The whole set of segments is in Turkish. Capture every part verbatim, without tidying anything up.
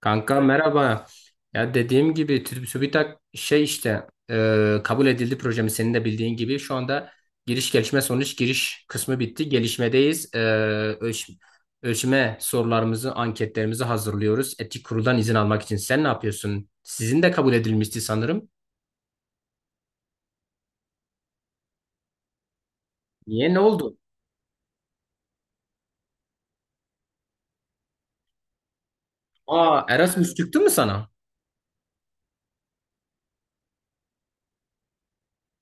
Kanka merhaba. Ya dediğim gibi Tü- TÜBİTAK şey işte e, kabul edildi projemiz senin de bildiğin gibi. Şu anda giriş gelişme sonuç giriş kısmı bitti. Gelişmedeyiz. E, ölç- Ölçme sorularımızı anketlerimizi hazırlıyoruz. Etik kuruldan izin almak için. Sen ne yapıyorsun? Sizin de kabul edilmişti sanırım. Niye ne oldu? Aa, Erasmus çıktı mı sana?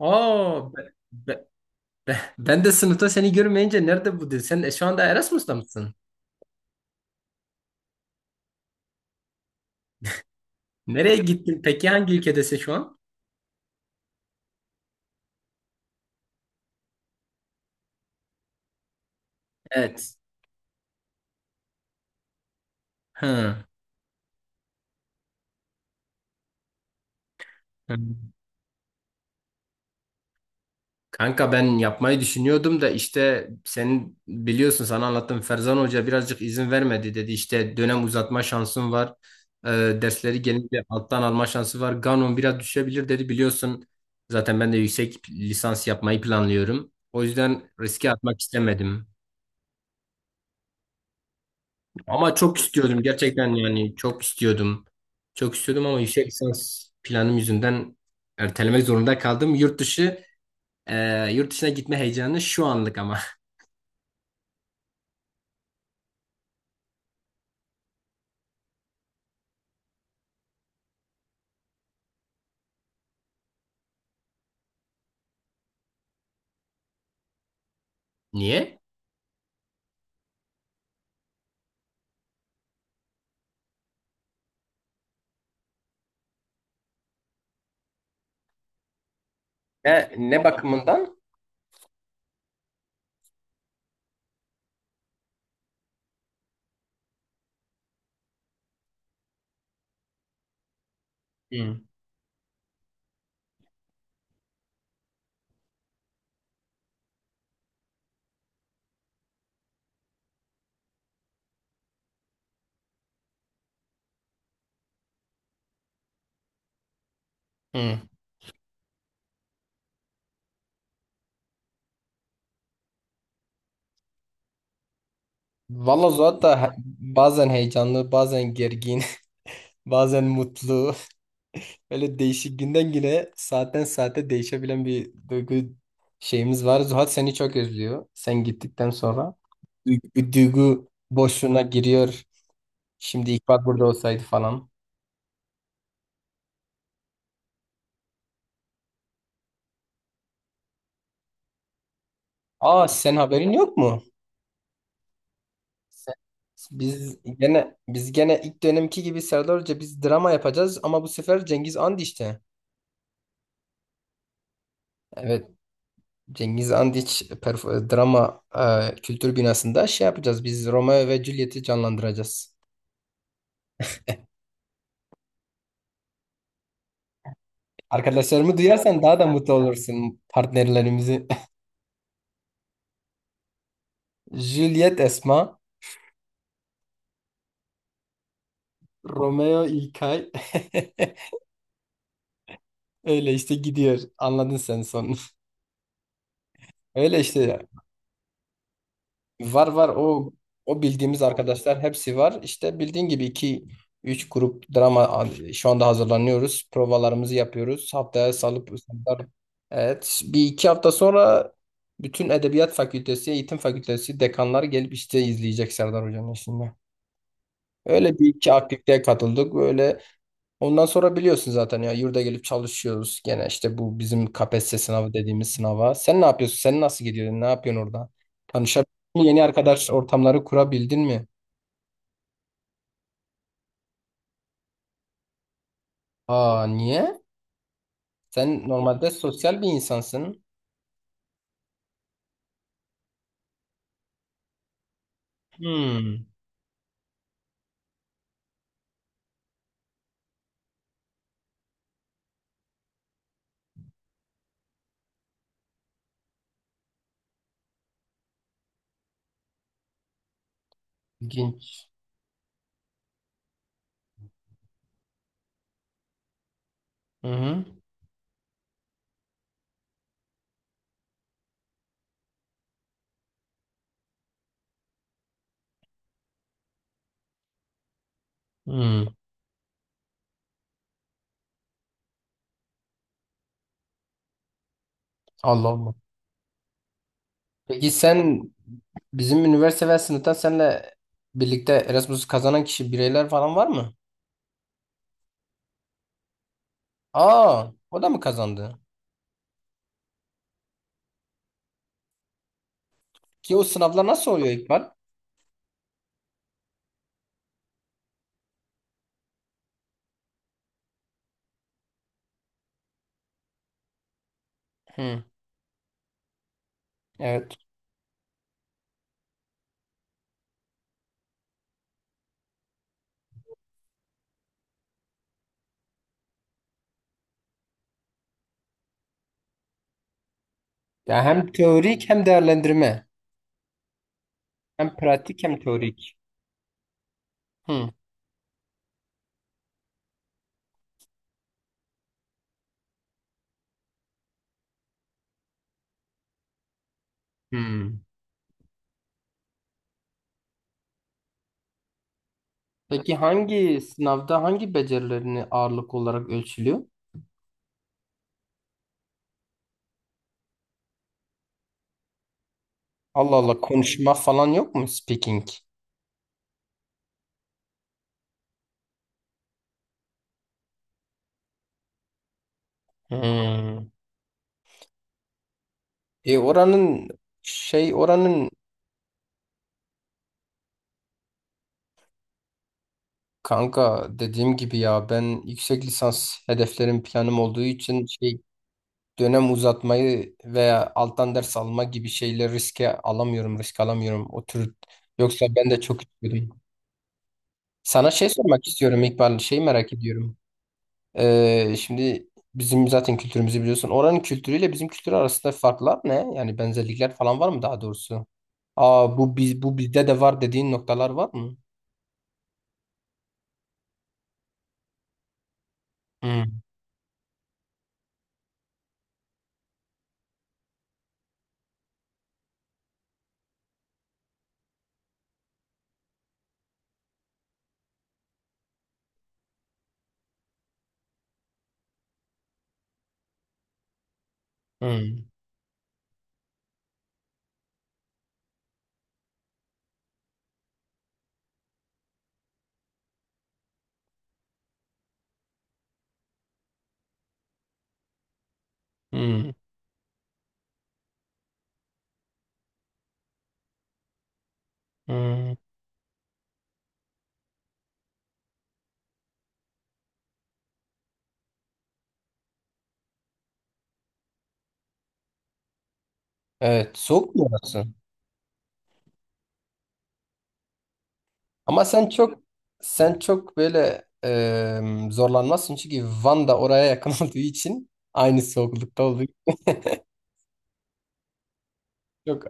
Aa be- be- Ben de sınıfta seni görmeyince nerede bu, dedi. Sen e, şu anda Erasmus'ta mısın? Nereye gittin? Peki hangi ülkedesin şu an? Evet. Hı. Hı. Kanka, ben yapmayı düşünüyordum da işte senin biliyorsun, sana anlattım, Ferzan Hoca birazcık izin vermedi, dedi işte dönem uzatma şansın var. Ee, Dersleri genelde alttan alma şansı var, Ganon biraz düşebilir dedi, biliyorsun zaten ben de yüksek lisans yapmayı planlıyorum, o yüzden riske atmak istemedim, ama çok istiyordum gerçekten, yani çok istiyordum, çok istiyordum, ama yüksek lisans planım yüzünden ertelemek zorunda kaldım yurt dışı. Ee, yurt dışına gitme heyecanı şu anlık ama. Niye? Ne, ne bakımından? Hı. Hı. Valla Zuhat he- bazen heyecanlı, bazen gergin, bazen mutlu. Öyle değişik, günden güne, saatten saate değişebilen bir duygu şeyimiz var. Zuhat seni çok özlüyor sen gittikten sonra. Duygu, duygu boşluğuna giriyor. Şimdi İkbal burada olsaydı falan. Aa, sen haberin yok mu? Se- Biz gene biz gene ilk dönemki gibi Serdar Hoca, biz drama yapacağız, ama bu sefer Cengiz Andiç'te. Evet, Cengiz Andiç perf- drama e, kültür binasında şey yapacağız. Biz Romeo ve Juliet'i canlandıracağız. Arkadaşlarımı duyarsan daha da mutlu olursun, partnerlerimizi. Juliet Esma, Romeo İlkay. Öyle işte gidiyor. Anladın sen sonunu. Öyle işte. Var var o o bildiğimiz arkadaşlar, hepsi var. İşte bildiğin gibi iki üç grup drama şu anda hazırlanıyoruz. Provalarımızı yapıyoruz. Haftaya salıp salıp- Evet, bir iki hafta sonra bütün Edebiyat Fakültesi, Eğitim Fakültesi dekanlar gelip işte izleyecek Serdar Hoca'nın işini. Öyle bir iki aktiviteye katıldık böyle. Ondan sonra biliyorsun zaten ya, yurda gelip çalışıyoruz. Gene işte bu bizim K P S S sınavı dediğimiz sınava. Sen ne yapıyorsun? Sen nasıl gidiyorsun? Ne yapıyorsun orada? Tanışabildin mi? Yeni arkadaş ortamları kurabildin mi? Aa, niye? Sen normalde sosyal bir insansın. Hmm. İlginç. Hı hı. Hmm. Allah Allah. Peki sen, bizim üniversite ve sınıftan seninle birlikte Erasmus kazanan kişi, bireyler falan var mı? Aa, o da mı kazandı? Ki o sınavlar nasıl oluyor, İkbal? Hı. Evet. Ya hem teorik hem değerlendirme. Hem pratik hem teorik. Hı. Hı. Peki hangi sınavda hangi becerilerini ağırlık olarak ölçülüyor? Allah Allah, konuşma falan yok mu? Speaking. Hmm. E oranın şey oranın, kanka dediğim gibi ya, ben yüksek lisans hedeflerim, planım olduğu için şey, dönem uzatmayı veya alttan ders alma gibi şeyleri riske alamıyorum risk alamıyorum o tür, yoksa ben de çok istiyordum. Sana şey sormak istiyorum, İkbal. Şeyi merak ediyorum. Ee, şimdi, bizim zaten kültürümüzü biliyorsun. Oranın kültürüyle bizim kültür arasında farklar ne? Yani benzerlikler falan var mı daha doğrusu? Aa, bu biz bu bizde de var dediğin noktalar var mı? Hmm, hmm, hmm, hmm. Evet, soğuk mu orası? Ama sen çok, sen çok böyle e, zorlanmazsın, çünkü Van da oraya yakın olduğu için, aynı soğuklukta olduğu için çok.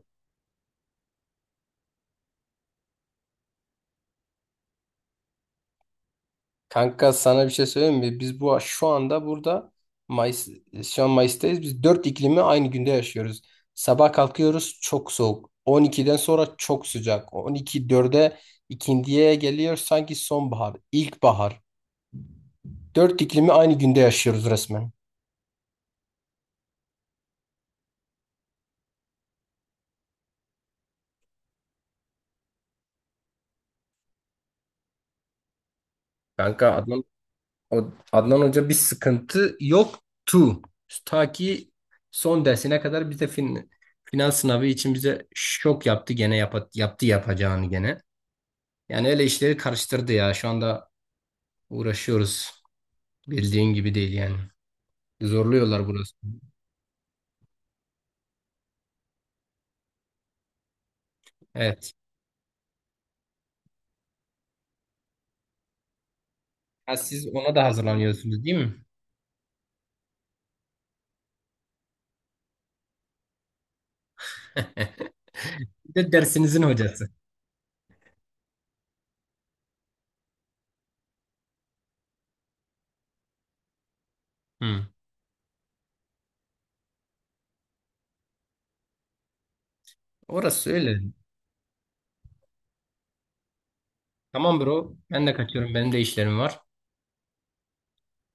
Kanka, sana bir şey söyleyeyim mi? Biz bu şu anda burada Mayıs, şu an Mayıs'tayız. Biz dört iklimi aynı günde yaşıyoruz. Sabah kalkıyoruz, çok soğuk. on ikiden sonra çok sıcak. on iki dörde, ikindiye geliyor, sanki sonbahar, ilkbahar. Dört iklimi aynı günde yaşıyoruz resmen. Kanka Adnan, o- Adnan Hoca bir sıkıntı yoktu. Ta ki son dersine kadar, bize fin, final sınavı için bize şok yaptı, gene yapa- yaptı yapacağını gene. Yani öyle işleri karıştırdı ya. Şu anda uğraşıyoruz. Bildiğin gibi değil yani. Zorluyorlar, burası. Evet. Ya siz ona da hazırlanıyorsunuz değil mi? Bir de dersinizin hocası. Hı. Orası öyle. Tamam, bro. Ben de kaçıyorum, benim de işlerim var.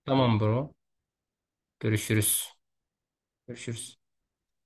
Tamam, bro. Görüşürüz. Görüşürüz.